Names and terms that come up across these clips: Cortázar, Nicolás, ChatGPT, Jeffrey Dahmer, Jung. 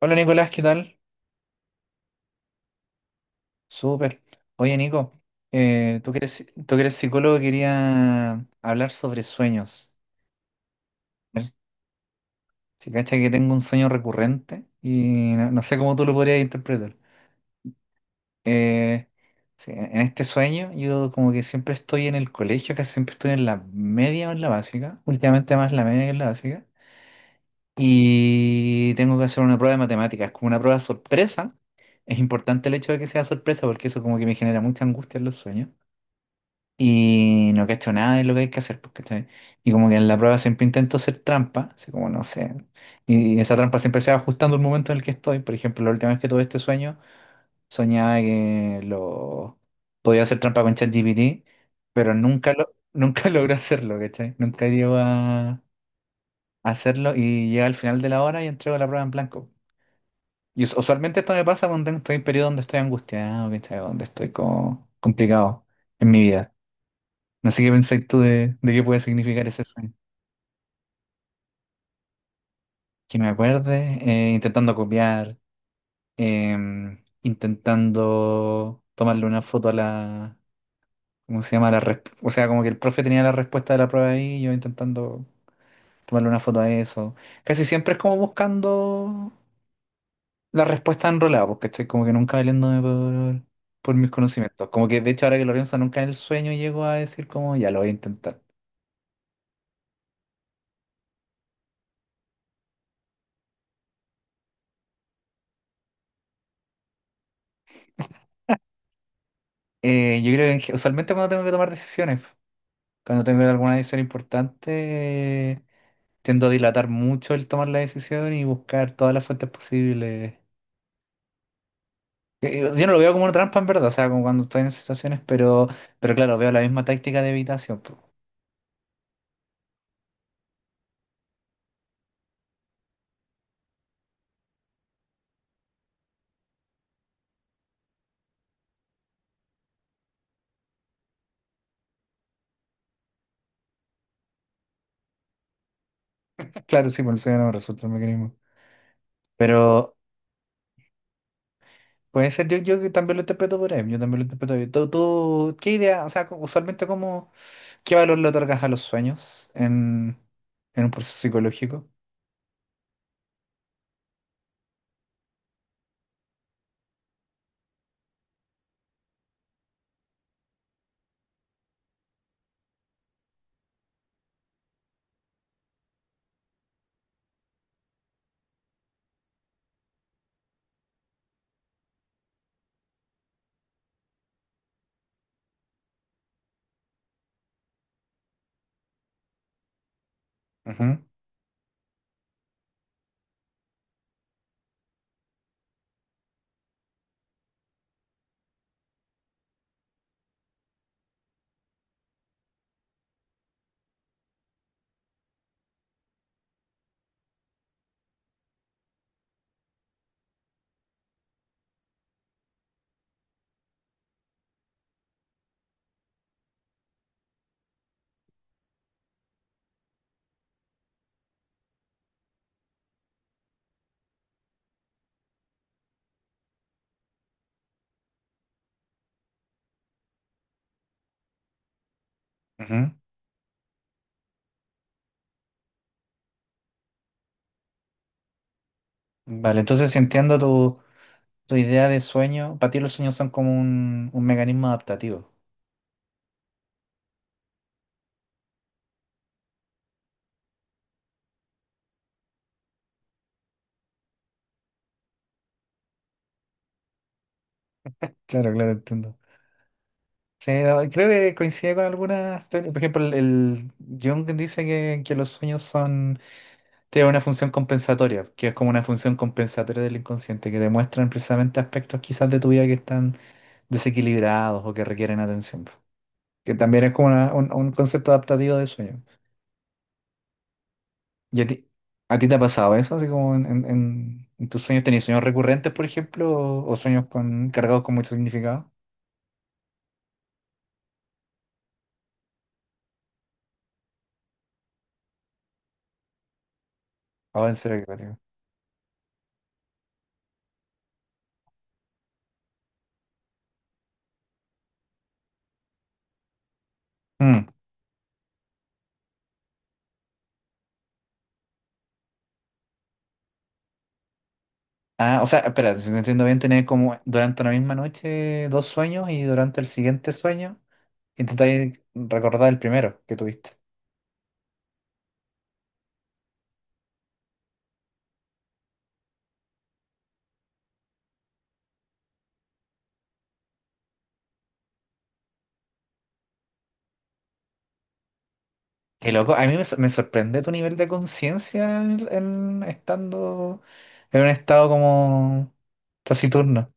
Hola Nicolás, ¿qué tal? Súper. Oye Nico, tú que eres psicólogo, quería hablar sobre sueños. A ver, Si cacha que tengo un sueño recurrente y no sé cómo tú lo podrías interpretar. Eh, sí, en este sueño yo como que siempre estoy en el colegio, casi siempre estoy en la media o en la básica, últimamente más la media que en la básica, y tengo que hacer una prueba de matemáticas, como una prueba sorpresa. Es importante el hecho de que sea sorpresa porque eso como que me genera mucha angustia en los sueños. Y no cacho nada de lo que hay que hacer, porque Y como que en la prueba siempre intento hacer trampa, así como no sé. Y esa trampa siempre se va ajustando al momento en el que estoy. Por ejemplo, la última vez que tuve este sueño, soñaba que lo podía hacer trampa con ChatGPT, pero nunca logré hacerlo, ¿cachai? Nunca llego a hacerlo y llega al final de la hora y entrego la prueba en blanco. Y usualmente esto me pasa cuando estoy en periodo donde estoy angustiado, ¿cachai? Donde estoy como complicado en mi vida. No sé qué pensáis tú de qué puede significar ese sueño. Que me acuerde, intentando copiar, intentando tomarle una foto a la, ¿cómo se llama? O sea, como que el profe tenía la respuesta de la prueba ahí, y yo intentando tomarle una foto a eso. Casi siempre es como buscando la respuesta enrolada, porque estoy como que nunca valiéndome por mis conocimientos. Como que de hecho ahora que lo pienso, nunca en el sueño llego a decir como, ya lo voy a intentar. Yo creo que en usualmente cuando tengo que tomar decisiones. Cuando tengo alguna decisión importante, tiendo a dilatar mucho el tomar la decisión y buscar todas las fuentes posibles. Yo no lo veo como una trampa en verdad, o sea, como cuando estoy en esas situaciones, pero claro, veo la misma táctica de evitación. Po. Claro, sí, por eso ya no me resulta el mecanismo. Pero puede ser, yo que también lo interpreto por ahí, yo también lo interpreto ahí. Tú, qué idea, o sea, usualmente cómo, qué valor le otorgas a los sueños en un proceso psicológico? Ujú, ujú. Vale, entonces si entiendo tu... tu idea de sueño, para ti los sueños son como un mecanismo adaptativo. Claro, claro, entiendo. Sí, no, creo que coincide con algunas teorías. Por ejemplo, el Jung dice que los sueños son, tienen una función compensatoria, que es como una función compensatoria del inconsciente, que demuestran precisamente aspectos quizás de tu vida que están desequilibrados o que requieren atención. Que también es como un concepto adaptativo de sueño. ¿Y a ti te ha pasado eso? Así como en tus sueños, ¿tenías sueños recurrentes, por ejemplo, o sueños con, cargados con mucho significado? Ahora en serio, que digo. Mm. Ah, o sea, espera, si te entiendo bien, tenés como durante una misma noche dos sueños y durante el siguiente sueño intentáis recordar el primero que tuviste. Qué loco, a mí me, me sorprende tu nivel de conciencia en, estando en un estado como taciturno.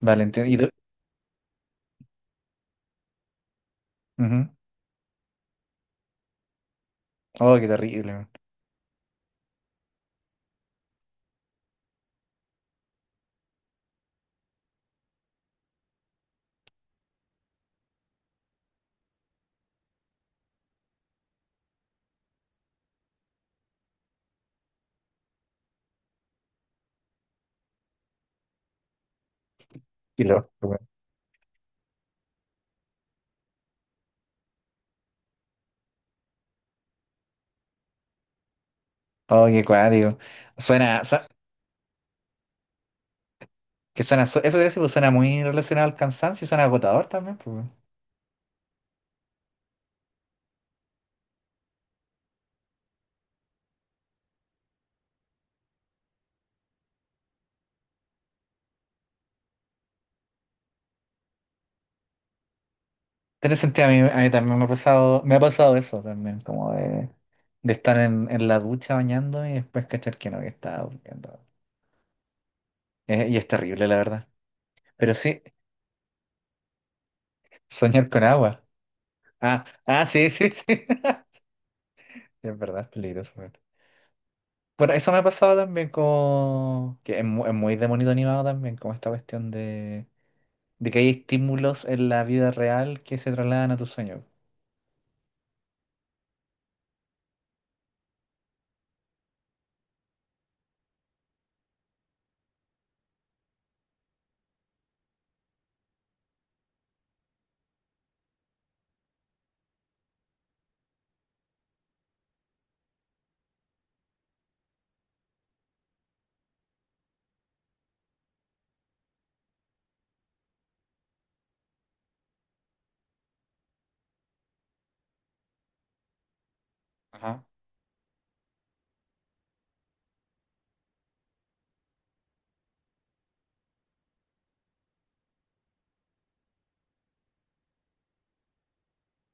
Vale, entiendo. Y tú- ujú. Oh, qué terrible. Man. Qué loco, Oh, qué cuático. Suena, su- que suena, su- eso de decir, pues, suena muy relacionado al cansancio y suena agotador también, pues. Tiene sentido, a mí también me ha pasado eso también, como de estar en la ducha bañándome y después cachar que no, que estaba durmiendo. Y es terrible, la verdad. Pero sí, soñar con agua. Ah, ah, sí, sí, sí. Es verdad, es peligroso. Weón. Bueno, eso me ha pasado también como... que es, es muy de monito animado también, como esta cuestión de que hay estímulos en la vida real que se trasladan a tu sueño. Ajá.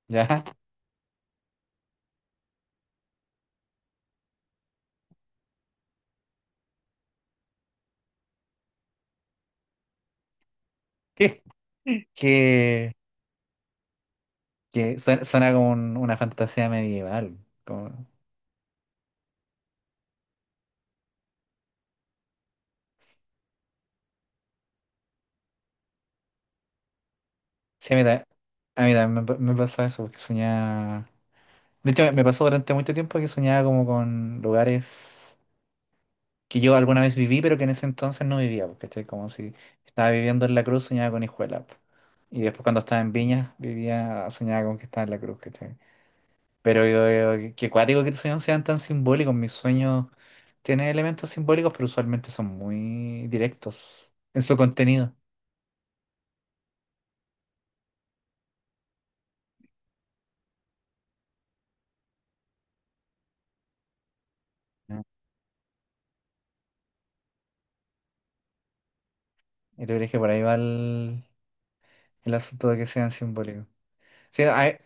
¿Ya? Que, que suena, suena como una fantasía medieval. Como- Sí, a mí, ta- a mí también me, me pasaba eso, porque soñaba... De hecho, me pasó durante mucho tiempo que soñaba como con lugares que yo alguna vez viví, pero que en ese entonces no vivía, porque como si estaba viviendo en La Cruz, soñaba con Hijuela. Po. Y después cuando estaba en Viña, vivía, soñaba con que estaba en La Cruz, Pero qué cuático que tus sueños sean tan simbólicos. Mis sueños tienen elementos simbólicos, pero usualmente son muy directos en su contenido. ¿No? Y tú crees que por ahí va el asunto de que sean simbólicos. Sí,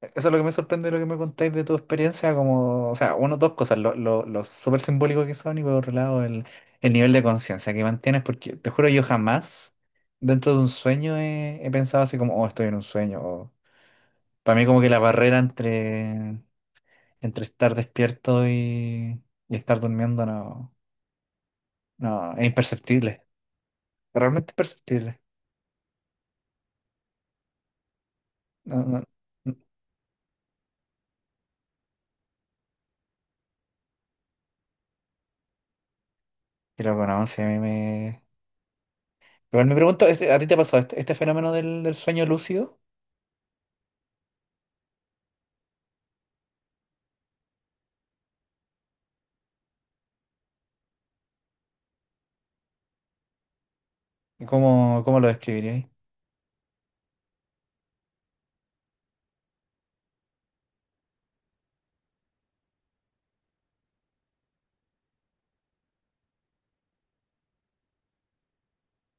eso es lo que me sorprende de lo que me contáis de tu experiencia, como, o sea, uno, dos cosas, lo súper simbólico que son y por otro lado el nivel de conciencia que mantienes, porque te juro yo jamás dentro de un sueño he, he pensado así como, oh, estoy en un sueño, o para mí como que la barrera entre Entre estar despierto y estar durmiendo, no, es imperceptible, realmente imperceptible. No, no, no. Y luego, no, sí a mí me... Igual me pregunto, este- ¿a ti te ha pasado este, este fenómeno del sueño lúcido? ¿Y ¿Cómo, cómo lo describirías?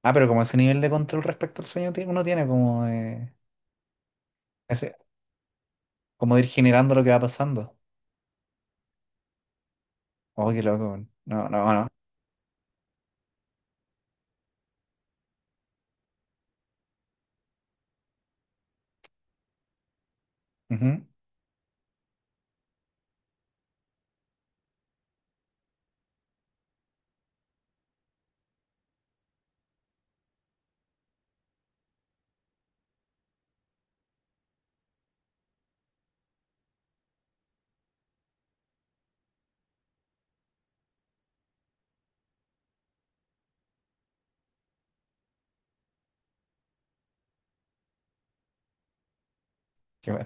Ah, pero como ese nivel de control respecto al sueño ti- uno tiene, como de, ese, como de ir generando lo que va pasando. Oh, qué loco. Weón. No, no, no. Ujú. Qué bueno.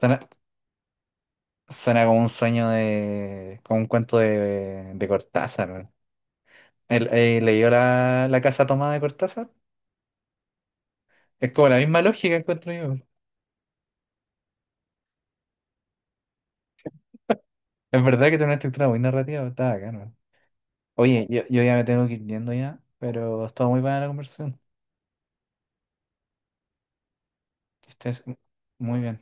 Suena, suena como un sueño de... como un cuento de Cortázar, leyó la casa tomada de Cortázar. Es como la misma lógica encuentro yo. Es verdad que tiene una estructura muy narrativa, está acá, ¿no? Oye, yo ya me tengo que ir yendo ya, pero estuvo muy buena la conversación. Que estés muy bien.